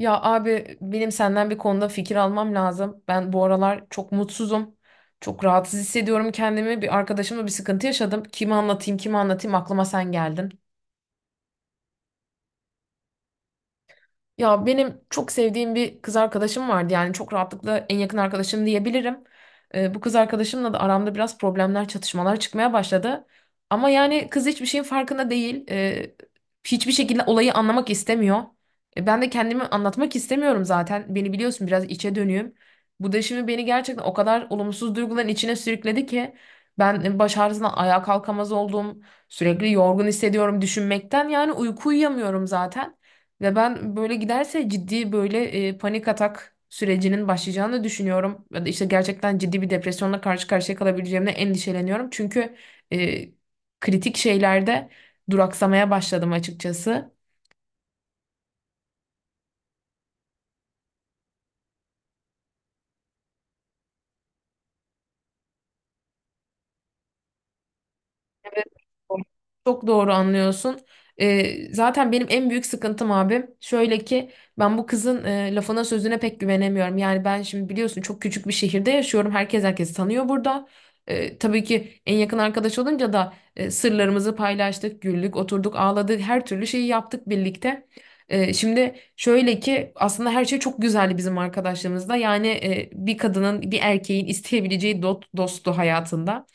Ya abi benim senden bir konuda fikir almam lazım. Ben bu aralar çok mutsuzum. Çok rahatsız hissediyorum kendimi. Bir arkadaşımla bir sıkıntı yaşadım. Kime anlatayım, kime anlatayım aklıma sen geldin. Ya benim çok sevdiğim bir kız arkadaşım vardı. Yani çok rahatlıkla en yakın arkadaşım diyebilirim. Bu kız arkadaşımla da aramda biraz problemler, çatışmalar çıkmaya başladı. Ama yani kız hiçbir şeyin farkında değil. Hiçbir şekilde olayı anlamak istemiyor. Ben de kendimi anlatmak istemiyorum zaten. Beni biliyorsun biraz içe dönüyüm. Bu da şimdi beni gerçekten o kadar olumsuz duyguların içine sürükledi ki ben baş ağrısından ayağa kalkamaz oldum. Sürekli yorgun hissediyorum düşünmekten. Yani uyku uyuyamıyorum zaten. Ve ben böyle giderse ciddi böyle panik atak sürecinin başlayacağını düşünüyorum. Ya da işte gerçekten ciddi bir depresyonla karşı karşıya kalabileceğimle endişeleniyorum. Çünkü e, kritik şeylerde duraksamaya başladım açıkçası. Çok doğru anlıyorsun. Zaten benim en büyük sıkıntım abim şöyle ki ben bu kızın lafına sözüne pek güvenemiyorum. Yani ben şimdi biliyorsun çok küçük bir şehirde yaşıyorum. Herkes herkesi tanıyor burada. Tabii ki en yakın arkadaş olunca da sırlarımızı paylaştık, güldük, oturduk, ağladık, her türlü şeyi yaptık birlikte. Şimdi şöyle ki aslında her şey çok güzeldi bizim arkadaşlığımızda. Yani bir kadının, bir erkeğin isteyebileceği dosttu hayatında.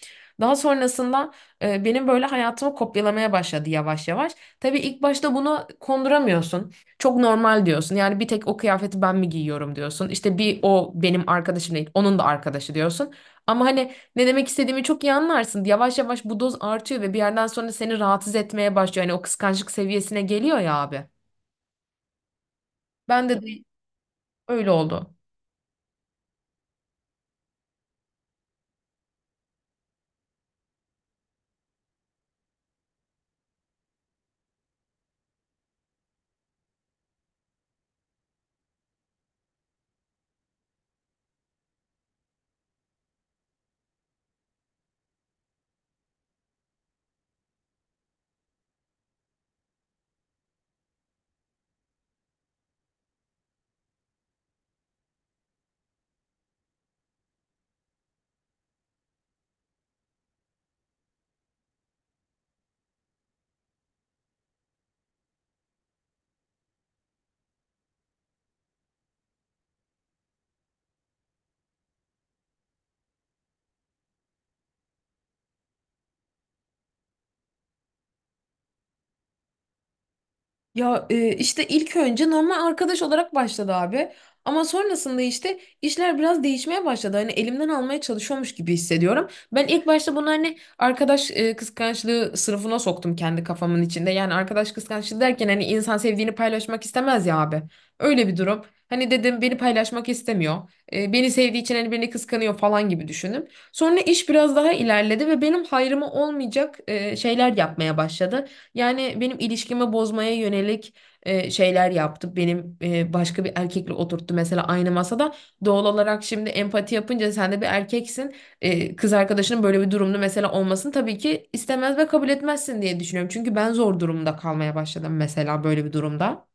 Daha sonrasında benim böyle hayatımı kopyalamaya başladı yavaş yavaş. Tabii ilk başta bunu konduramıyorsun. Çok normal diyorsun. Yani bir tek o kıyafeti ben mi giyiyorum diyorsun. İşte bir o benim arkadaşım değil, onun da arkadaşı diyorsun. Ama hani ne demek istediğimi çok iyi anlarsın. Yavaş yavaş bu doz artıyor ve bir yerden sonra seni rahatsız etmeye başlıyor. Yani o kıskançlık seviyesine geliyor ya abi. Ben de öyle oldu. Ya işte ilk önce normal arkadaş olarak başladı abi. Ama sonrasında işte işler biraz değişmeye başladı. Hani elimden almaya çalışıyormuş gibi hissediyorum. Ben ilk başta bunu hani arkadaş kıskançlığı sınıfına soktum kendi kafamın içinde. Yani arkadaş kıskançlığı derken hani insan sevdiğini paylaşmak istemez ya abi. Öyle bir durum. Hani dedim beni paylaşmak istemiyor. Beni sevdiği için hani beni kıskanıyor falan gibi düşündüm. Sonra iş biraz daha ilerledi ve benim hayrıma olmayacak şeyler yapmaya başladı. Yani benim ilişkimi bozmaya yönelik şeyler yaptı. Benim başka bir erkekle oturttu mesela aynı masada. Doğal olarak şimdi empati yapınca sen de bir erkeksin. Kız arkadaşının böyle bir durumda mesela olmasını tabii ki istemez ve kabul etmezsin diye düşünüyorum. Çünkü ben zor durumda kalmaya başladım mesela böyle bir durumda.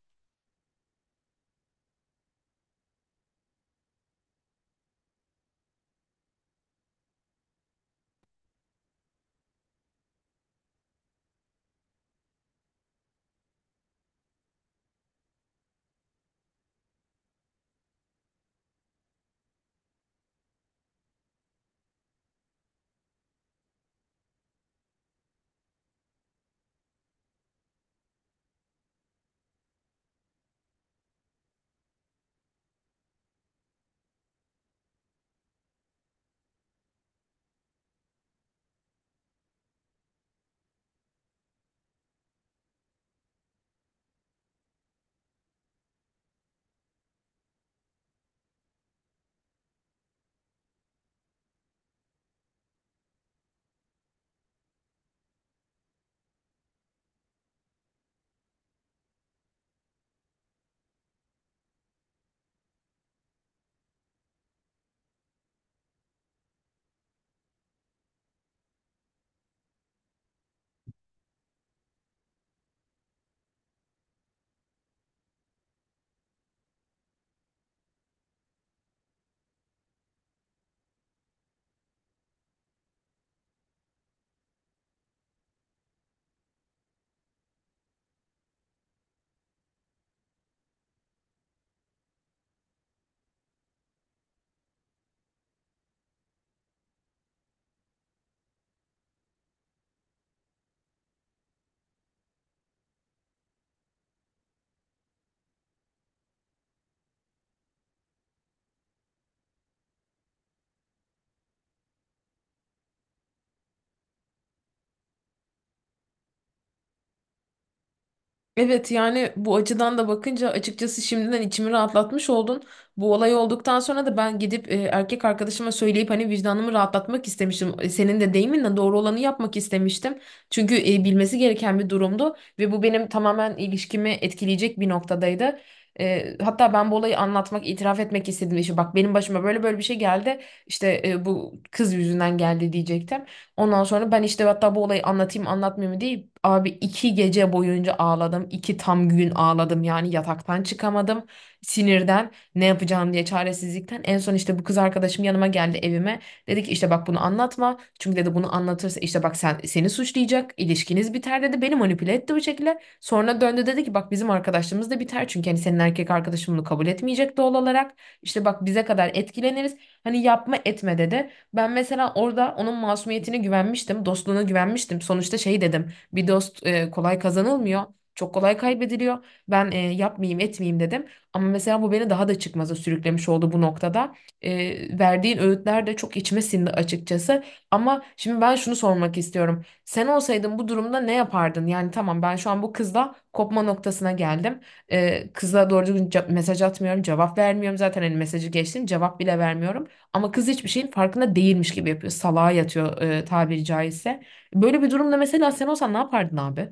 Evet yani bu açıdan da bakınca açıkçası şimdiden içimi rahatlatmış oldun. Bu olay olduktan sonra da ben gidip erkek arkadaşıma söyleyip hani vicdanımı rahatlatmak istemiştim. Senin de deyiminle doğru olanı yapmak istemiştim. Çünkü bilmesi gereken bir durumdu ve bu benim tamamen ilişkimi etkileyecek bir noktadaydı. Hatta ben bu olayı anlatmak, itiraf etmek istedim. İşte bak benim başıma böyle böyle bir şey geldi. İşte bu kız yüzünden geldi diyecektim. Ondan sonra ben işte hatta bu olayı anlatayım anlatmayayım mı diye abi iki gece boyunca ağladım. İki tam gün ağladım yani yataktan çıkamadım. Sinirden ne yapacağım diye çaresizlikten. En son işte bu kız arkadaşım yanıma geldi evime. Dedi ki işte bak bunu anlatma. Çünkü dedi bunu anlatırsa işte bak sen seni suçlayacak. İlişkiniz biter dedi. Beni manipüle etti bu şekilde. Sonra döndü dedi ki bak bizim arkadaşlığımız da biter. Çünkü hani senin erkek arkadaşın bunu kabul etmeyecek doğal olarak. İşte bak bize kadar etkileniriz. Hani yapma etme dedi. Ben mesela orada onun masumiyetine güvenmiştim, dostluğuna güvenmiştim. Sonuçta şey dedim, bir dost kolay kazanılmıyor, çok kolay kaybediliyor. Ben yapmayayım, etmeyeyim dedim. Ama mesela bu beni daha da çıkmaza sürüklemiş oldu bu noktada. Verdiğin öğütler de çok içime sindi açıkçası. Ama şimdi ben şunu sormak istiyorum. Sen olsaydın bu durumda ne yapardın? Yani tamam ben şu an bu kızla kopma noktasına geldim. Kızla doğru düzgün mesaj atmıyorum, cevap vermiyorum zaten. Hani mesajı geçtim, cevap bile vermiyorum. Ama kız hiçbir şeyin farkında değilmiş gibi yapıyor. Salağa yatıyor tabiri caizse. Böyle bir durumda mesela sen olsan ne yapardın abi?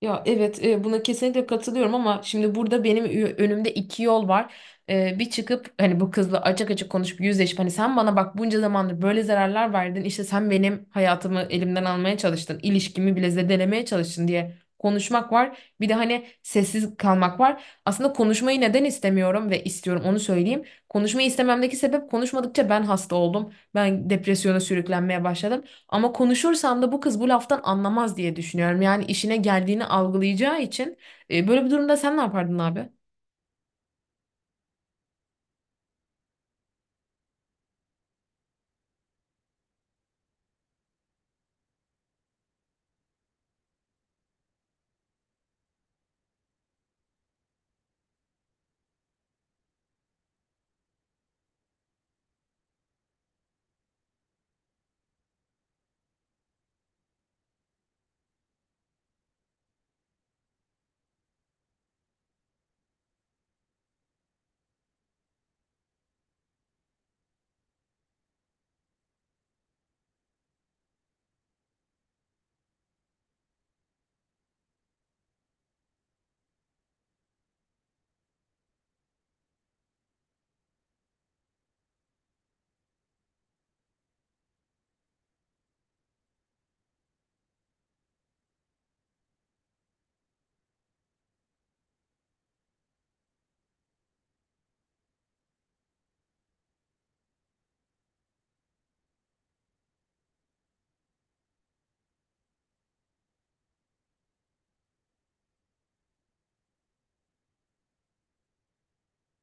Ya evet buna kesinlikle katılıyorum ama şimdi burada benim önümde iki yol var. Bir çıkıp hani bu kızla açık açık konuşup yüzleşip hani sen bana bak bunca zamandır böyle zararlar verdin işte sen benim hayatımı elimden almaya çalıştın ilişkimi bile zedelemeye çalıştın diye konuşmak var. Bir de hani sessiz kalmak var. Aslında konuşmayı neden istemiyorum ve istiyorum onu söyleyeyim. Konuşmayı istememdeki sebep konuşmadıkça ben hasta oldum. Ben depresyona sürüklenmeye başladım. Ama konuşursam da bu kız bu laftan anlamaz diye düşünüyorum. Yani işine geldiğini algılayacağı için. Böyle bir durumda sen ne yapardın abi?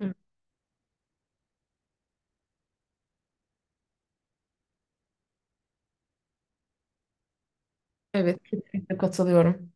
Hı, Evet. Kesinlikle katılıyorum.